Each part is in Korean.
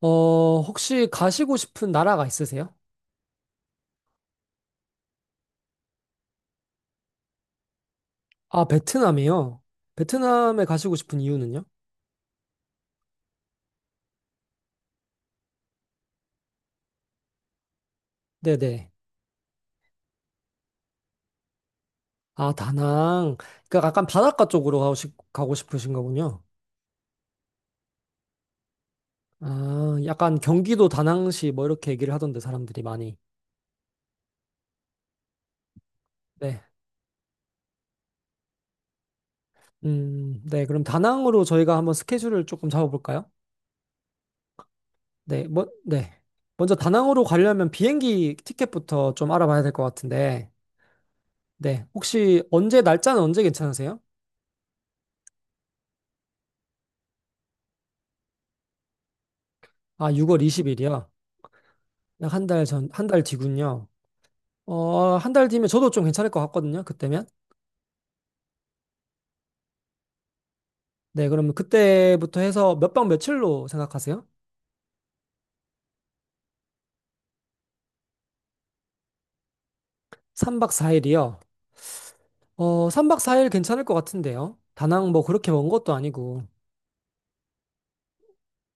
혹시 가시고 싶은 나라가 있으세요? 아, 베트남이요. 베트남에 가시고 싶은 이유는요? 네네. 아, 다낭. 그러니까 약간 바닷가 쪽으로 가고, 가고 싶으신 거군요. 아, 약간 경기도 다낭시 뭐 이렇게 얘기를 하던데 사람들이 많이. 네. 네. 그럼 다낭으로 저희가 한번 스케줄을 조금 잡아볼까요? 네. 뭐, 네. 먼저 다낭으로 가려면 비행기 티켓부터 좀 알아봐야 될 것 같은데. 네. 혹시 언제, 날짜는 언제 괜찮으세요? 아, 6월 20일이요? 약 한 달 전, 한 달 뒤군요. 어, 한 달 뒤면 저도 좀 괜찮을 것 같거든요. 그때면. 네, 그러면 그때부터 해서 몇 박 며칠로 생각하세요? 3박 4일이요. 어, 3박 4일 괜찮을 것 같은데요. 다낭 뭐 그렇게 먼 것도 아니고.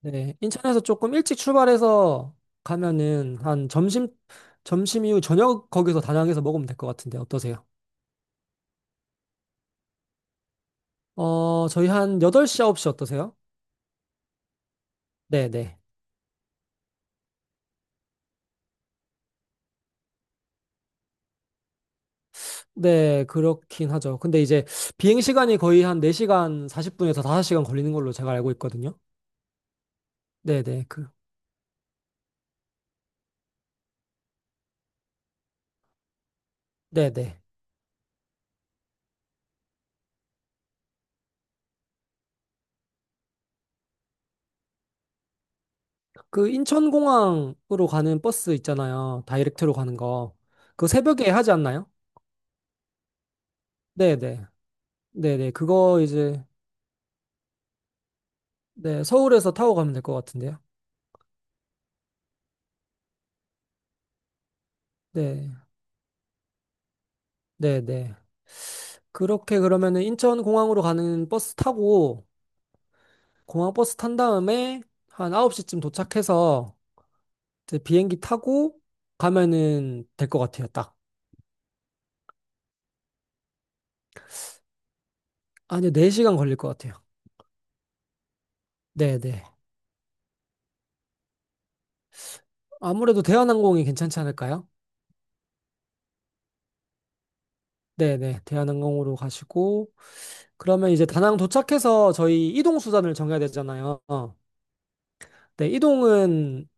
네, 인천에서 조금 일찍 출발해서 가면은 한 점심 이후 저녁 거기서 다낭에서 먹으면 될 것 같은데 어떠세요? 저희 한 8시, 9시 어떠세요? 네, 네. 네, 그렇긴 하죠. 근데 이제 비행 시간이 거의 한 4시간 40분에서 5시간 걸리는 걸로 제가 알고 있거든요. 네, 네. 그 네, 네. 그 인천공항으로 가는 버스 있잖아요. 다이렉트로 가는 거. 그 새벽에 하지 않나요? 네, 네. 네, 네. 그거 이제 네, 서울에서 타고 가면 될 것 같은데요. 네. 네, 네. 그렇게 그러면은 인천공항으로 가는 버스 타고 공항 버스 탄 다음에 한 9시쯤 도착해서 이제 비행기 타고 가면은 될 것 같아요. 딱. 아니요, 4시간 걸릴 것 같아요. 네네. 아무래도 대한항공이 괜찮지 않을까요? 네네. 대한항공으로 가시고, 그러면 이제 다낭 도착해서 저희 이동 수단을 정해야 되잖아요. 네, 이동은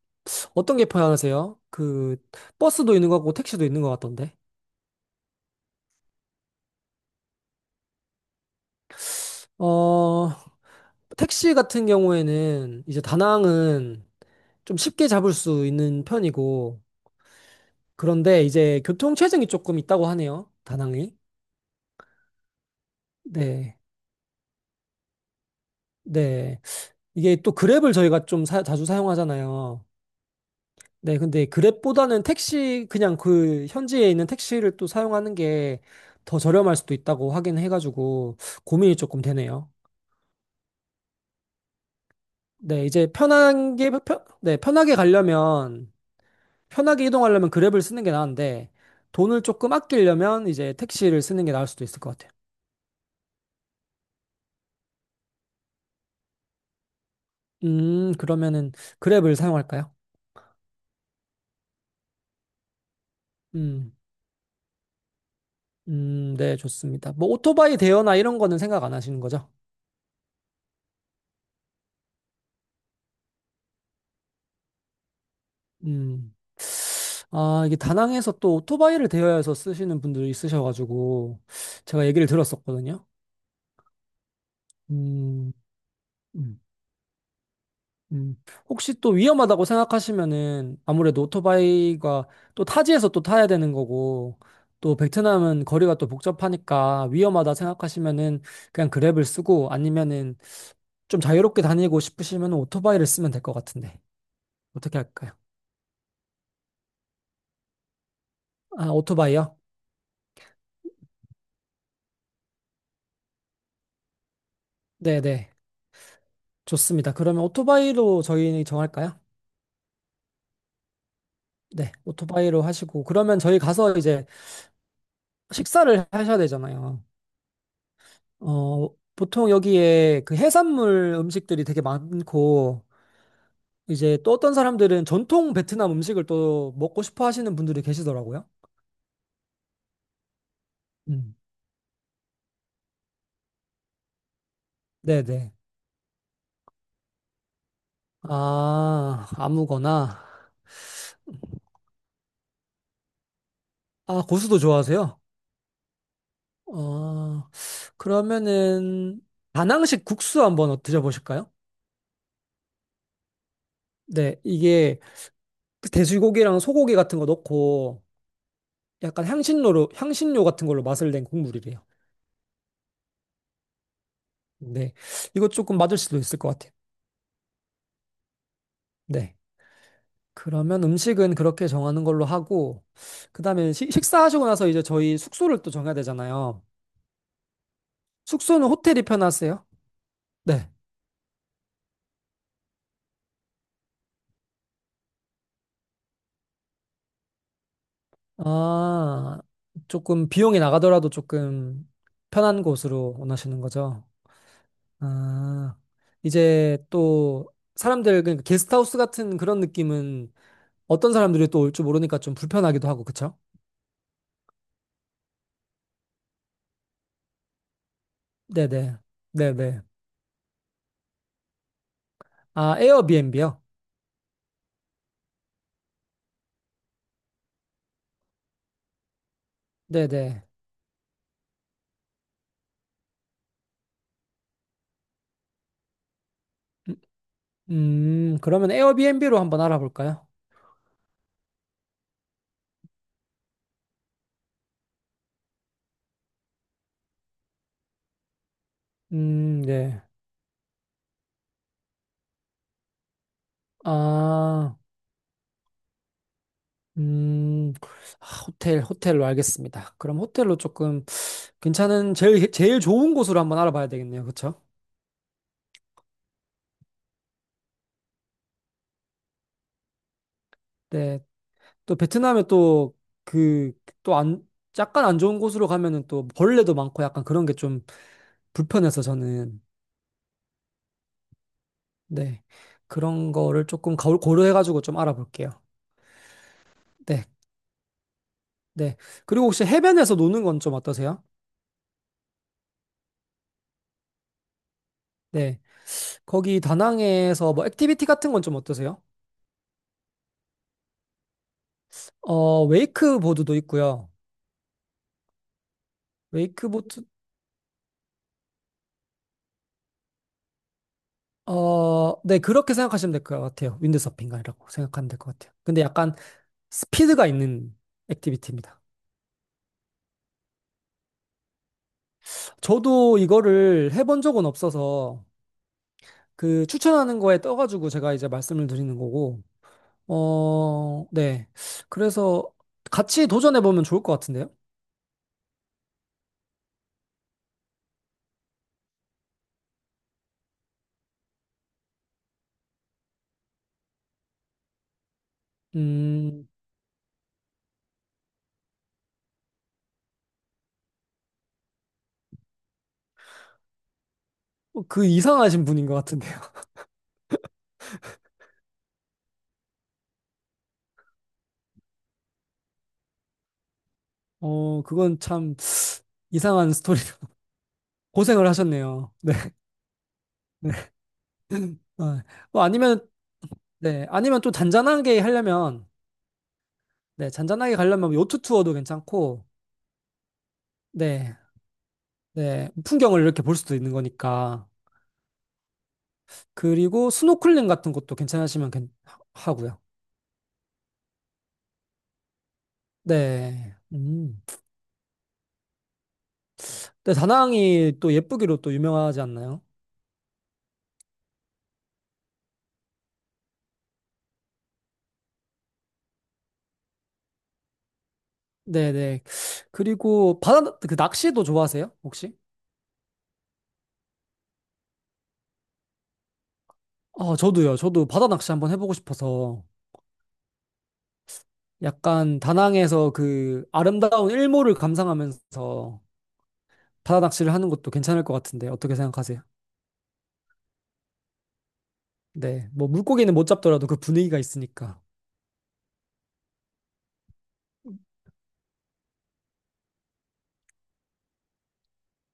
어떤 게 편하세요? 그, 버스도 있는 것 같고, 택시도 있는 것 같던데. 어, 택시 같은 경우에는 이제 다낭은 좀 쉽게 잡을 수 있는 편이고, 그런데 이제 교통 체증이 조금 있다고 하네요. 다낭이. 네, 네. 이게 또 그랩을 저희가 좀 자주 사용하잖아요. 네, 근데 그랩보다는 택시, 그냥 그 현지에 있는 택시를 또 사용하는 게 더 저렴할 수도 있다고 하긴 해가지고 고민이 조금 되네요. 네, 이제 편한 게, 네, 편하게 가려면, 편하게 이동하려면 그랩을 쓰는 게 나은데 돈을 조금 아끼려면 이제 택시를 쓰는 게 나을 수도 있을 것 같아요. 그러면은 그랩을 사용할까요? 음, 네, 좋습니다. 뭐 오토바이 대여나 이런 거는 생각 안 하시는 거죠? 음. 아, 이게 다낭에서 또 오토바이를 대여해서 쓰시는 분들이 있으셔가지고, 제가 얘기를 들었었거든요. 음, 음, 음. 혹시 또 위험하다고 생각하시면은, 아무래도 오토바이가 또 타지에서 또 타야 되는 거고, 또 베트남은 거리가 또 복잡하니까 위험하다 생각하시면은 그냥 그랩을 쓰고 아니면은 좀 자유롭게 다니고 싶으시면 오토바이를 쓰면 될 것 같은데. 어떻게 할까요? 아, 오토바이요? 네네. 좋습니다. 그러면 오토바이로 저희 정할까요? 네, 오토바이로 하시고 그러면 저희 가서 이제 식사를 하셔야 되잖아요. 어, 보통 여기에 그 해산물 음식들이 되게 많고 이제 또 어떤 사람들은 전통 베트남 음식을 또 먹고 싶어 하시는 분들이 계시더라고요. 음. 네, 네. 아, 아무거나. 아, 고수도 좋아하세요? 어, 그러면은 다낭식 국수 한번 드셔보실까요? 네, 이게 그 돼지고기랑 소고기 같은 거 넣고 약간 향신료 같은 걸로 맛을 낸 국물이래요. 네. 이거 조금 맞을 수도 있을 것 같아요. 네. 그러면 음식은 그렇게 정하는 걸로 하고, 그 다음에 식사하시고 나서 이제 저희 숙소를 또 정해야 되잖아요. 숙소는 호텔이 편하세요? 네. 아, 조금 비용이 나가더라도 조금 편한 곳으로 원하시는 거죠? 아, 이제 또 사람들, 그러니까 게스트하우스 같은 그런 느낌은 어떤 사람들이 또 올 줄 모르니까 좀 불편하기도 하고, 그쵸? 네네. 네네. 아, 에어비앤비요? 네네. 음, 그러면 에어비앤비로 한번 알아볼까요? 네. 아, 음, 아, 호텔로 알겠습니다. 그럼 호텔로 조금 괜찮은, 제일 좋은 곳으로 한번 알아봐야 되겠네요. 그쵸? 네. 또 베트남에 또 그, 또 안, 약간 안 좋은 곳으로 가면은 또 벌레도 많고 약간 그런 게 좀 불편해서 저는, 네. 그런 거를 조금 고려해가지고 좀 알아볼게요. 네. 네. 그리고 혹시 해변에서 노는 건 좀 어떠세요? 네. 거기 다낭에서 뭐 액티비티 같은 건 좀 어떠세요? 웨이크보드도 있고요. 웨이크보드, 어, 네. 그렇게 생각하시면 될 것 같아요. 윈드서핑 이라고 생각하면 될 것 같아요. 근데 약간 스피드가 있는 액티비티입니다. 저도 이거를 해본 적은 없어서 그 추천하는 거에 떠가지고 제가 이제 말씀을 드리는 거고, 어, 네. 그래서 같이 도전해보면 좋을 것 같은데요? 음. 그 이상하신 분인 것 같은데요. 어, 그건 참 이상한 스토리로 고생을 하셨네요. 네, 네. 어, 뭐 아니면, 네, 아니면 좀 잔잔하게 하려면, 네, 잔잔하게 가려면 뭐 요트 투어도 괜찮고, 네, 네, 풍경을 이렇게 볼 수도 있는 거니까. 그리고 스노클링 같은 것도 괜찮으시면 하고요. 네, 네, 다낭이 또 예쁘기로 또 유명하지 않나요? 네, 네. 그리고 바다, 그 낚시도 좋아하세요? 혹시? 아, 저도요. 저도 바다 낚시 한번 해보고 싶어서 약간 다낭에서 그 아름다운 일몰을 감상하면서 바다 낚시를 하는 것도 괜찮을 것 같은데 어떻게 생각하세요? 네, 뭐 물고기는 못 잡더라도 그 분위기가 있으니까.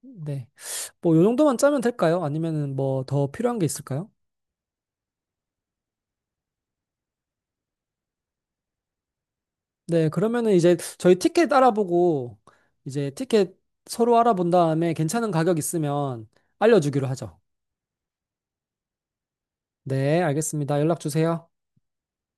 네, 뭐 요 정도만 짜면 될까요? 아니면은 뭐 더 필요한 게 있을까요? 네, 그러면은 이제 저희 티켓 알아보고 이제 티켓 서로 알아본 다음에 괜찮은 가격 있으면 알려주기로 하죠. 네, 알겠습니다. 연락 주세요.